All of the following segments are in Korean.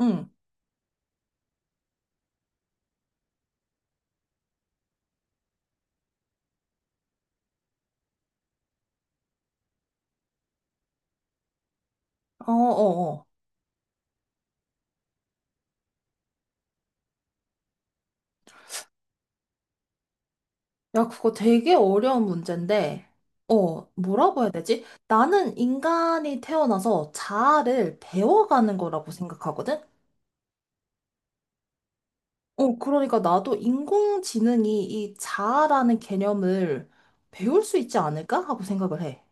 응, 어. 야, 그거 되게 어려운 문제인데, 뭐라고 해야 되지? 나는 인간이 태어나서 자아를 배워가는 거라고 생각하거든? 그러니까 나도 인공지능이 이 자아라는 개념을 배울 수 있지 않을까? 하고 생각을 해.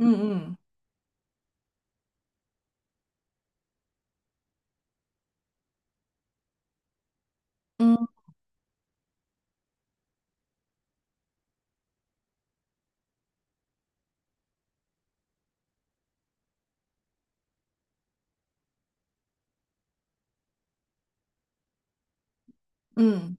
응, 응, 응, 응.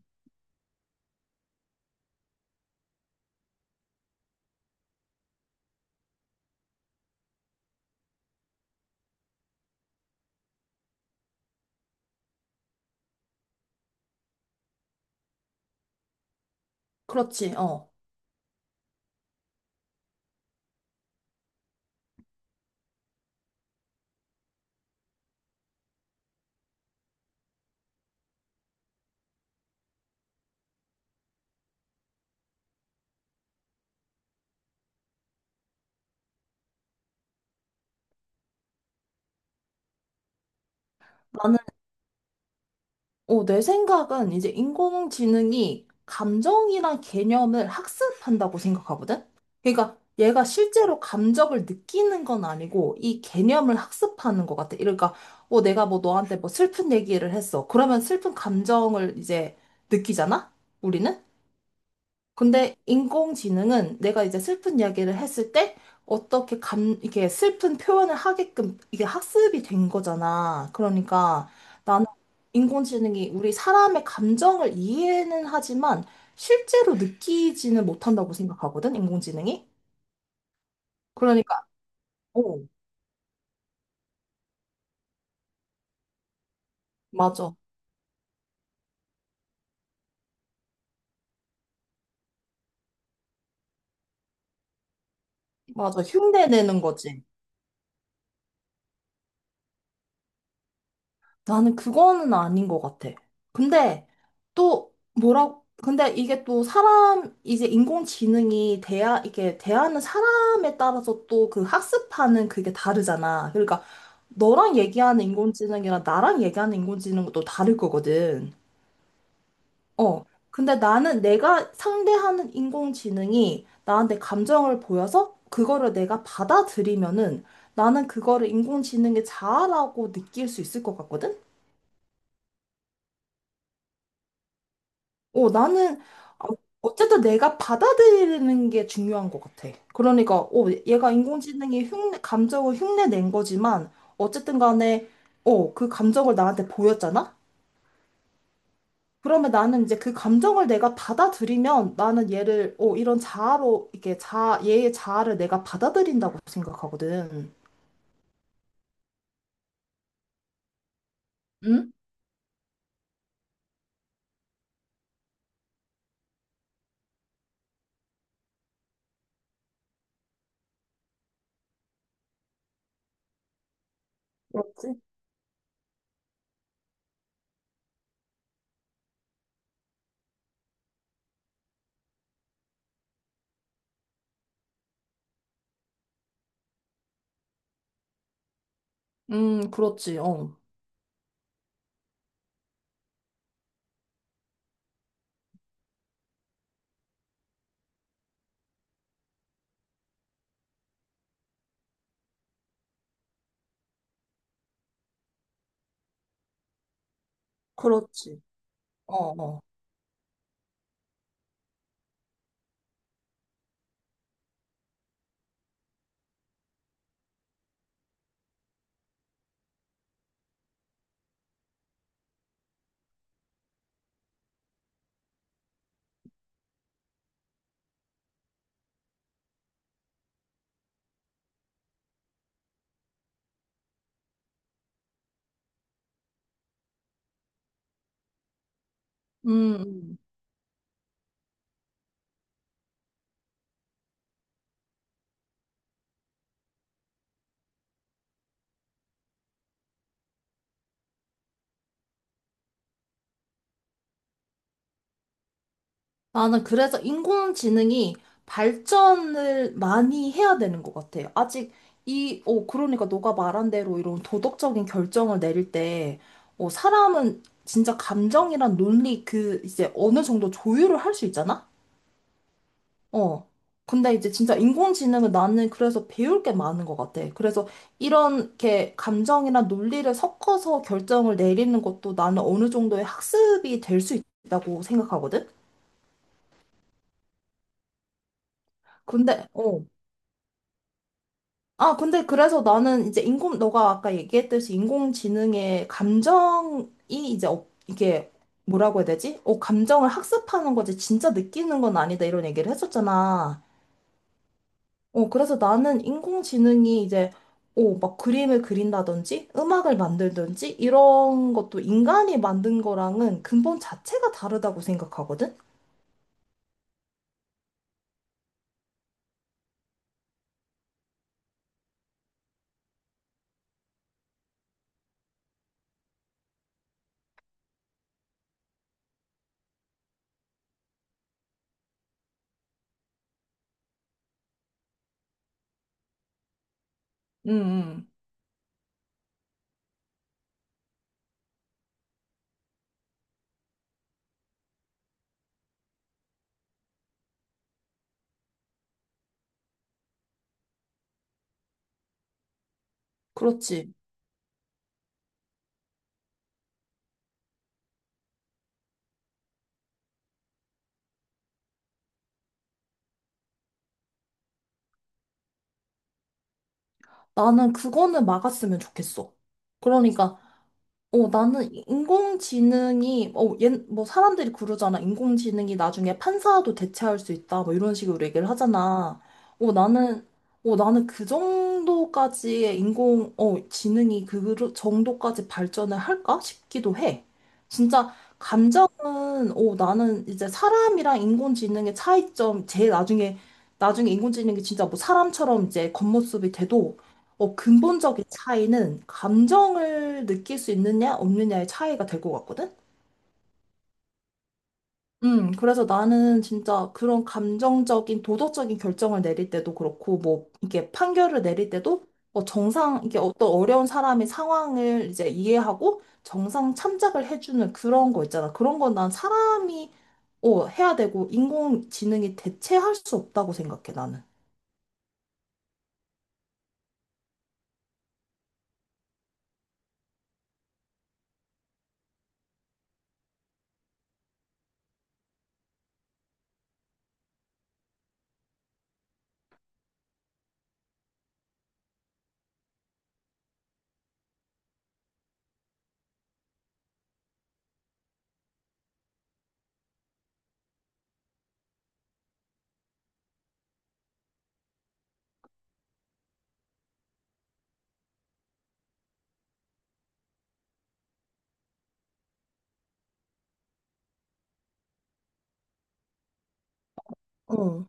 그렇지, 어. 내 생각은 이제 인공지능이 감정이나 개념을 학습한다고 생각하거든? 그러니까 얘가 실제로 감정을 느끼는 건 아니고 이 개념을 학습하는 것 같아. 그러니까 내가 뭐 너한테 뭐 슬픈 얘기를 했어. 그러면 슬픈 감정을 이제 느끼잖아? 우리는? 근데 인공지능은 내가 이제 슬픈 이야기를 했을 때 이게 슬픈 표현을 하게끔 이게 학습이 된 거잖아. 그러니까 나는 인공지능이 우리 사람의 감정을 이해는 하지만 실제로 느끼지는 못한다고 생각하거든, 인공지능이. 그러니까, 어, 맞아. 맞아. 흉내내는 거지. 나는 그거는 아닌 것 같아. 근데 또 뭐라, 근데 이게 또 사람, 이제 인공지능이 이게 대하는 사람에 따라서 또 그 학습하는 그게 다르잖아. 그러니까 너랑 얘기하는 인공지능이랑 나랑 얘기하는 인공지능은 또 다를 거거든. 어. 근데 나는 내가 상대하는 인공지능이 나한테 감정을 보여서 그거를 내가 받아들이면은 나는 그거를 인공지능의 자아라고 느낄 수 있을 것 같거든? 어, 나는 어, 어쨌든 내가 받아들이는 게 중요한 것 같아. 그러니까 얘가 감정을 흉내 낸 거지만 어쨌든 간에 그 감정을 나한테 보였잖아? 그러면 나는 이제 그 감정을 내가 받아들이면 나는 얘를 이런 자아로 이게 자 얘의 자아를 내가 받아들인다고 생각하거든. 응? 그렇지. 그렇지. 어. 그렇지. 어, 어. 음. 음. 나는 그래서 인공지능이 발전을 많이 해야 되는 것 같아요. 아직 그러니까 너가 말한 대로 이런 도덕적인 결정을 내릴 때, 사람은 진짜 감정이란 논리 그 이제 어느 정도 조율을 할 수 있잖아? 어. 근데 이제 진짜 인공지능은 나는 그래서 배울 게 많은 것 같아. 그래서 이렇게 감정이나 논리를 섞어서 결정을 내리는 것도 나는 어느 정도의 학습이 될 수 있다고 생각하거든? 근데, 어. 아, 근데 그래서 나는 이제 너가 아까 얘기했듯이 인공지능의 감정이 이게 뭐라고 해야 되지? 감정을 학습하는 거지, 진짜 느끼는 건 아니다, 이런 얘기를 했었잖아. 그래서 나는 인공지능이 이제, 막 그림을 그린다든지, 음악을 만들든지, 이런 것도 인간이 만든 거랑은 근본 자체가 다르다고 생각하거든? 음 음. 그렇지. 나는 그거는 막았으면 좋겠어. 그러니까, 나는 인공지능이, 뭐, 사람들이 그러잖아. 인공지능이 나중에 판사도 대체할 수 있다. 뭐, 이런 식으로 얘기를 하잖아. 어, 나는, 나는 그 정도까지의 지능이 그 정도까지 발전을 할까 싶기도 해. 진짜, 감정은, 나는 이제 사람이랑 인공지능의 차이점, 제일 나중에, 나중에 인공지능이 진짜 뭐 사람처럼 이제 겉모습이 돼도 근본적인 차이는 감정을 느낄 수 있느냐, 없느냐의 차이가 될 것 같거든? 그래서 나는 진짜 그런 감정적인, 도덕적인 결정을 내릴 때도 그렇고, 뭐, 이게 판결을 내릴 때도, 이게 어떤 어려운 사람의 상황을 이제 이해하고, 정상 참작을 해주는 그런 거 있잖아. 그런 건 난 사람이, 해야 되고, 인공지능이 대체할 수 없다고 생각해, 나는. 어.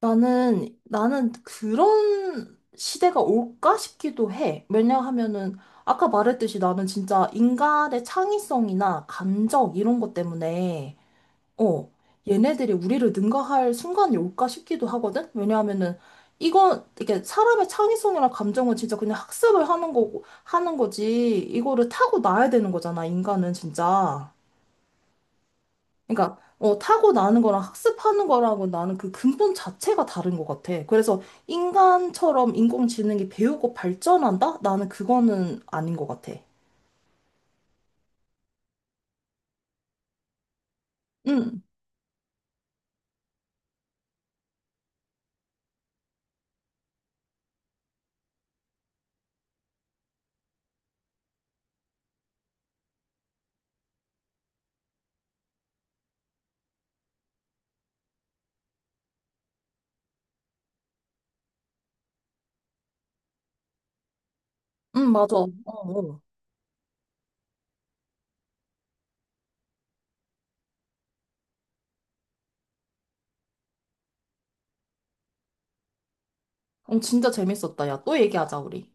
나는 그런 시대가 올까 싶기도 해. 왜냐하면은, 아까 말했듯이 나는 진짜 인간의 창의성이나 감정 이런 것 때문에, 어, 얘네들이 우리를 능가할 순간이 올까 싶기도 하거든? 왜냐하면은, 이게 사람의 창의성이나 감정은 진짜 그냥 학습을 하는 거고, 하는 거지. 이거를 타고나야 되는 거잖아, 인간은 진짜. 그러니까 타고 나는 거랑 학습하는 거랑은 나는 그 근본 자체가 다른 것 같아. 그래서 인간처럼 인공지능이 배우고 발전한다? 나는 그거는 아닌 것 같아. 응, 응, 맞아. 어, 어. 어, 진짜 재밌었다. 야, 또 얘기하자, 우리.